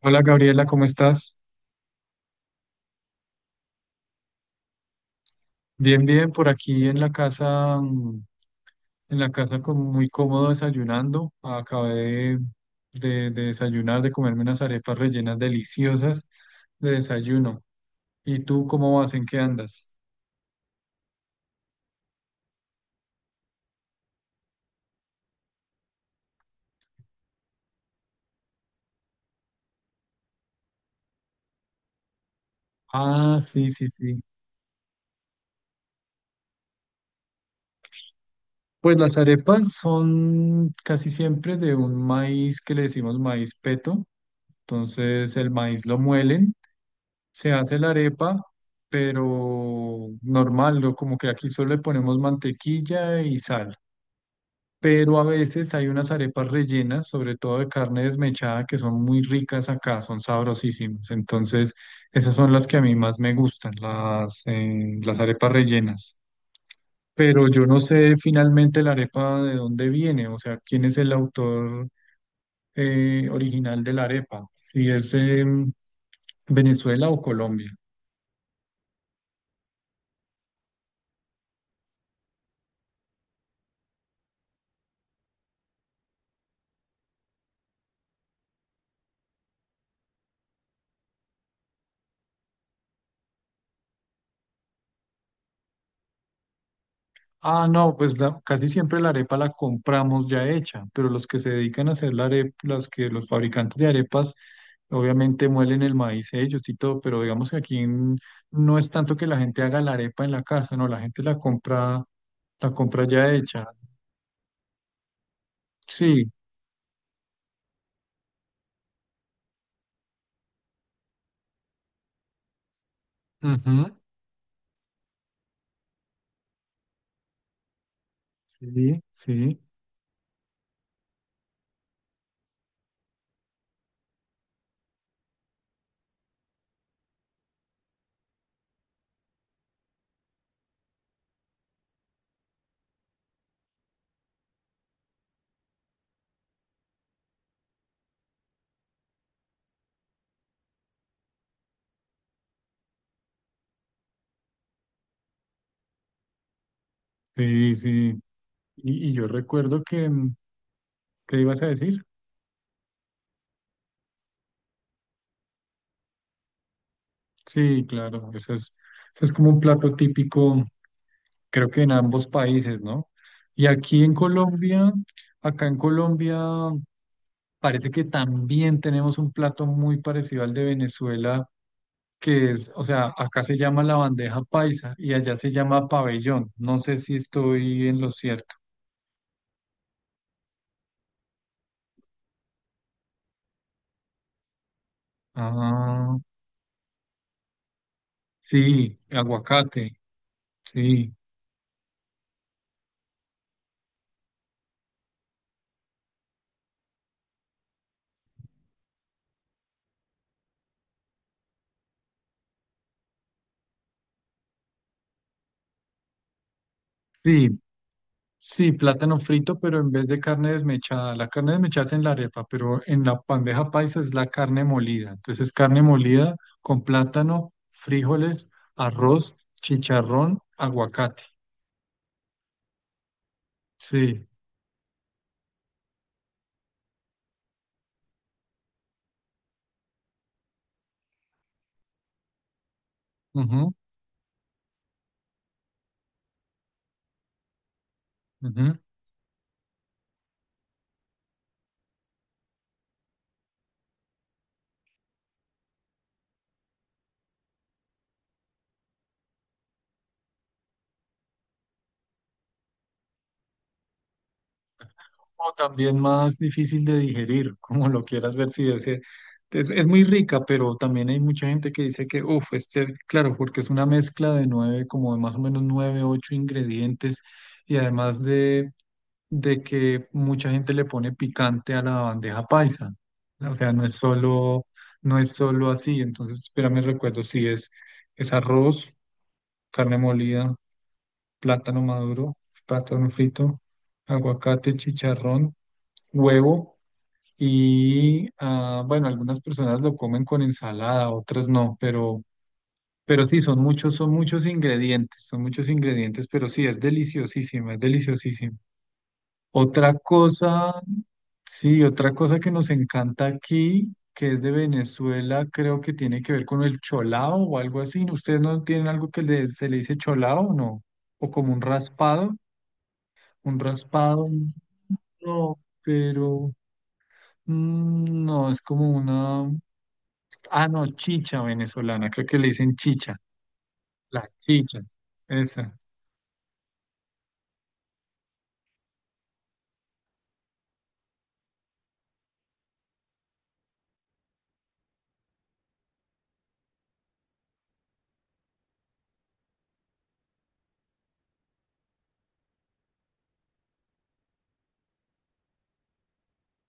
Hola Gabriela, ¿cómo estás? Bien, bien, por aquí en la casa, en la casa como muy cómodo desayunando. Acabé de desayunar, de comerme unas arepas rellenas deliciosas de desayuno. ¿Y tú cómo vas? ¿En qué andas? Ah, sí, sí, sí. Pues las arepas son casi siempre de un maíz que le decimos maíz peto. Entonces el maíz lo muelen. Se hace la arepa, pero normal, ¿no? Como que aquí solo le ponemos mantequilla y sal. Pero a veces hay unas arepas rellenas, sobre todo de carne desmechada, que son muy ricas acá, son sabrosísimas. Entonces, esas son las que a mí más me gustan, las arepas rellenas. Pero yo no sé finalmente la arepa de dónde viene, o sea, quién es el autor original de la arepa, si es Venezuela o Colombia. Ah, no, pues la- casi siempre la arepa la compramos ya hecha, pero los que se dedican a hacer la arepa, los que los fabricantes de arepas, obviamente muelen el maíz ellos y todo, pero digamos que aquí en- no es tanto que la gente haga la arepa en la casa, no, la gente la compra ya hecha. Sí, ujú, sí, sí, sí, sí. Y yo recuerdo que, ¿qué ibas a decir? Sí, claro, eso es como un plato típico creo que en ambos países, ¿no? Y aquí en Colombia, acá en Colombia, parece que también tenemos un plato muy parecido al de Venezuela, que es, o sea, acá se llama la bandeja paisa y allá se llama pabellón. No sé si estoy en lo cierto. Ah, sí, aguacate, sí. Sí, sí, plátano frito, pero en vez de carne desmechada. La carne desmechada es en la arepa, pero en la bandeja paisa es la carne molida. Entonces, carne molida con plátano, frijoles, arroz, chicharrón, aguacate. Sí. Ujú, ujú. O también más difícil de digerir, como lo quieras ver, si ese- es muy rica, pero también hay mucha gente que dice que, uff, este, claro, porque es una mezcla de nueve, como de más o menos nueve, ocho ingredientes y además de que mucha gente le pone picante a la bandeja paisa. O sea, no es solo, no es solo así. Entonces, espérame, recuerdo si es, es arroz, carne molida, plátano maduro, plátano frito, aguacate, chicharrón, huevo. Y ah, bueno, algunas personas lo comen con ensalada, otras no, pero sí, son muchos ingredientes, pero sí, es deliciosísima, es deliciosísima. Otra cosa, sí, otra cosa que nos encanta aquí, que es de Venezuela, creo que tiene que ver con el cholao o algo así. ¿Ustedes no tienen algo que le- se le dice cholao o no? O como un raspado, no, pero no, es como una, ah, no, chicha venezolana, creo que le dicen chicha, la chicha, esa,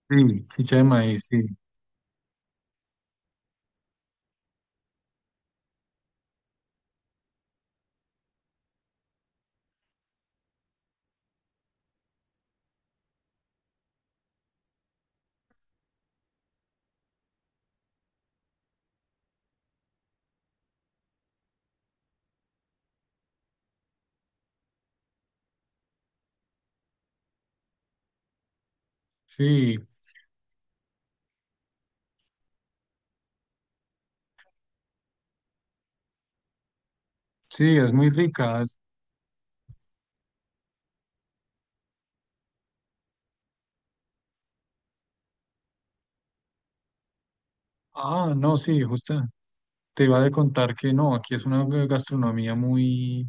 sí, chicha de maíz, sí, sí, sí, es muy rica. Es- ah, no, sí, justo. Te iba a contar que no, aquí es una gastronomía muy,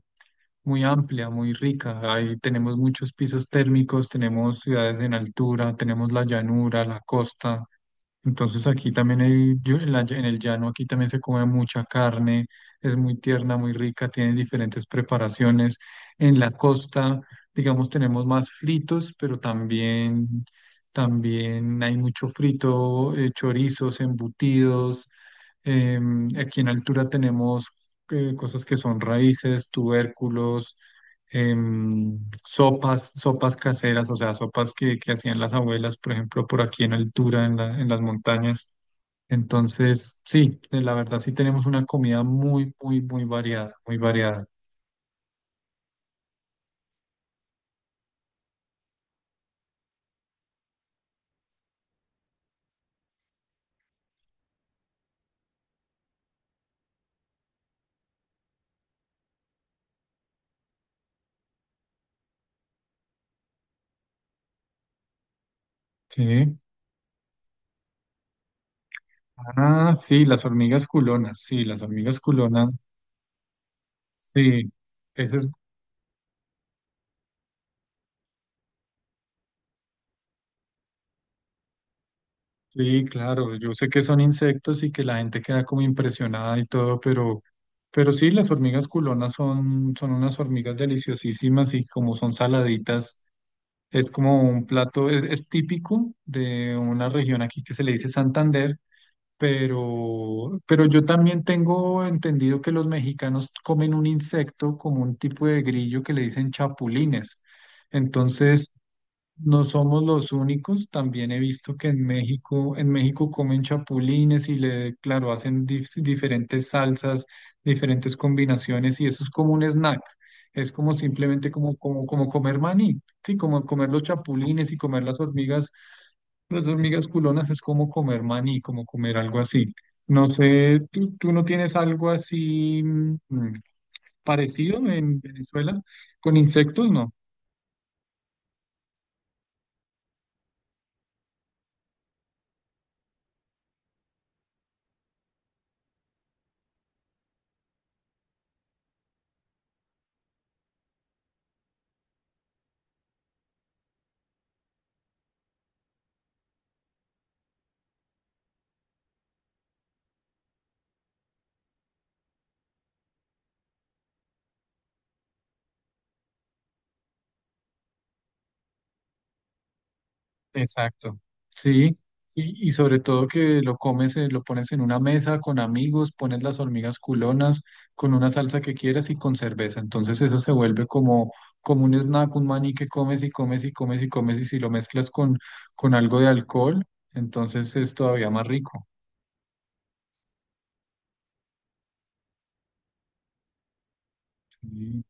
muy amplia, muy rica. Ahí tenemos muchos pisos térmicos, tenemos ciudades en altura, tenemos la llanura, la costa. Entonces aquí también hay, yo- en la en el llano aquí también se come mucha carne, es muy tierna, muy rica, tiene diferentes preparaciones. En la costa, digamos, tenemos más fritos, pero también, también hay mucho frito, chorizos, embutidos. Aquí en altura tenemos cosas que son raíces, tubérculos, em, sopas, sopas caseras, o sea, sopas que hacían las abuelas, por ejemplo, por aquí en altura, en la- en las montañas. Entonces, sí, de la verdad sí tenemos una comida muy, muy, muy variada, muy variada. ¿Qué? Ah, sí, las hormigas culonas, sí, las hormigas culonas, sí, esa es sí, claro, yo sé que son insectos y que la gente queda como impresionada y todo, pero sí, las hormigas culonas son, son unas hormigas deliciosísimas y como son saladitas, es como un plato, es típico de una región aquí que se le dice Santander, pero yo también tengo entendido que los mexicanos comen un insecto como un tipo de grillo que le dicen chapulines. Entonces... No somos los únicos, también he visto que en México comen chapulines y le, claro, hacen dif- diferentes salsas, diferentes combinaciones y eso es como un snack. Es como simplemente como, como, como comer maní, sí, como comer los chapulines y comer las hormigas culonas es como comer maní, como comer algo así. No sé, ¿tú, tú no tienes algo así parecido en Venezuela con insectos? No. Exacto. Sí, y sobre todo que lo comes, lo pones en una mesa con amigos, pones las hormigas culonas con una salsa que quieras y con cerveza. Entonces eso se vuelve como, como un snack, un maní que comes y comes y comes y comes y si lo mezclas con algo de alcohol, entonces es todavía más rico. Sí,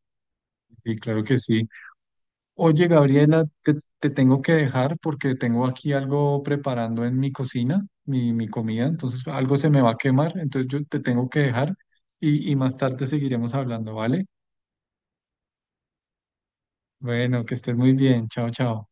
sí, claro que sí. Oye, Gabriela, te tengo que dejar porque tengo aquí algo preparando en mi cocina, mi comida, entonces algo se me va a quemar, entonces yo te tengo que dejar y más tarde seguiremos hablando, ¿vale? Bueno, que estés muy bien, chao, chao.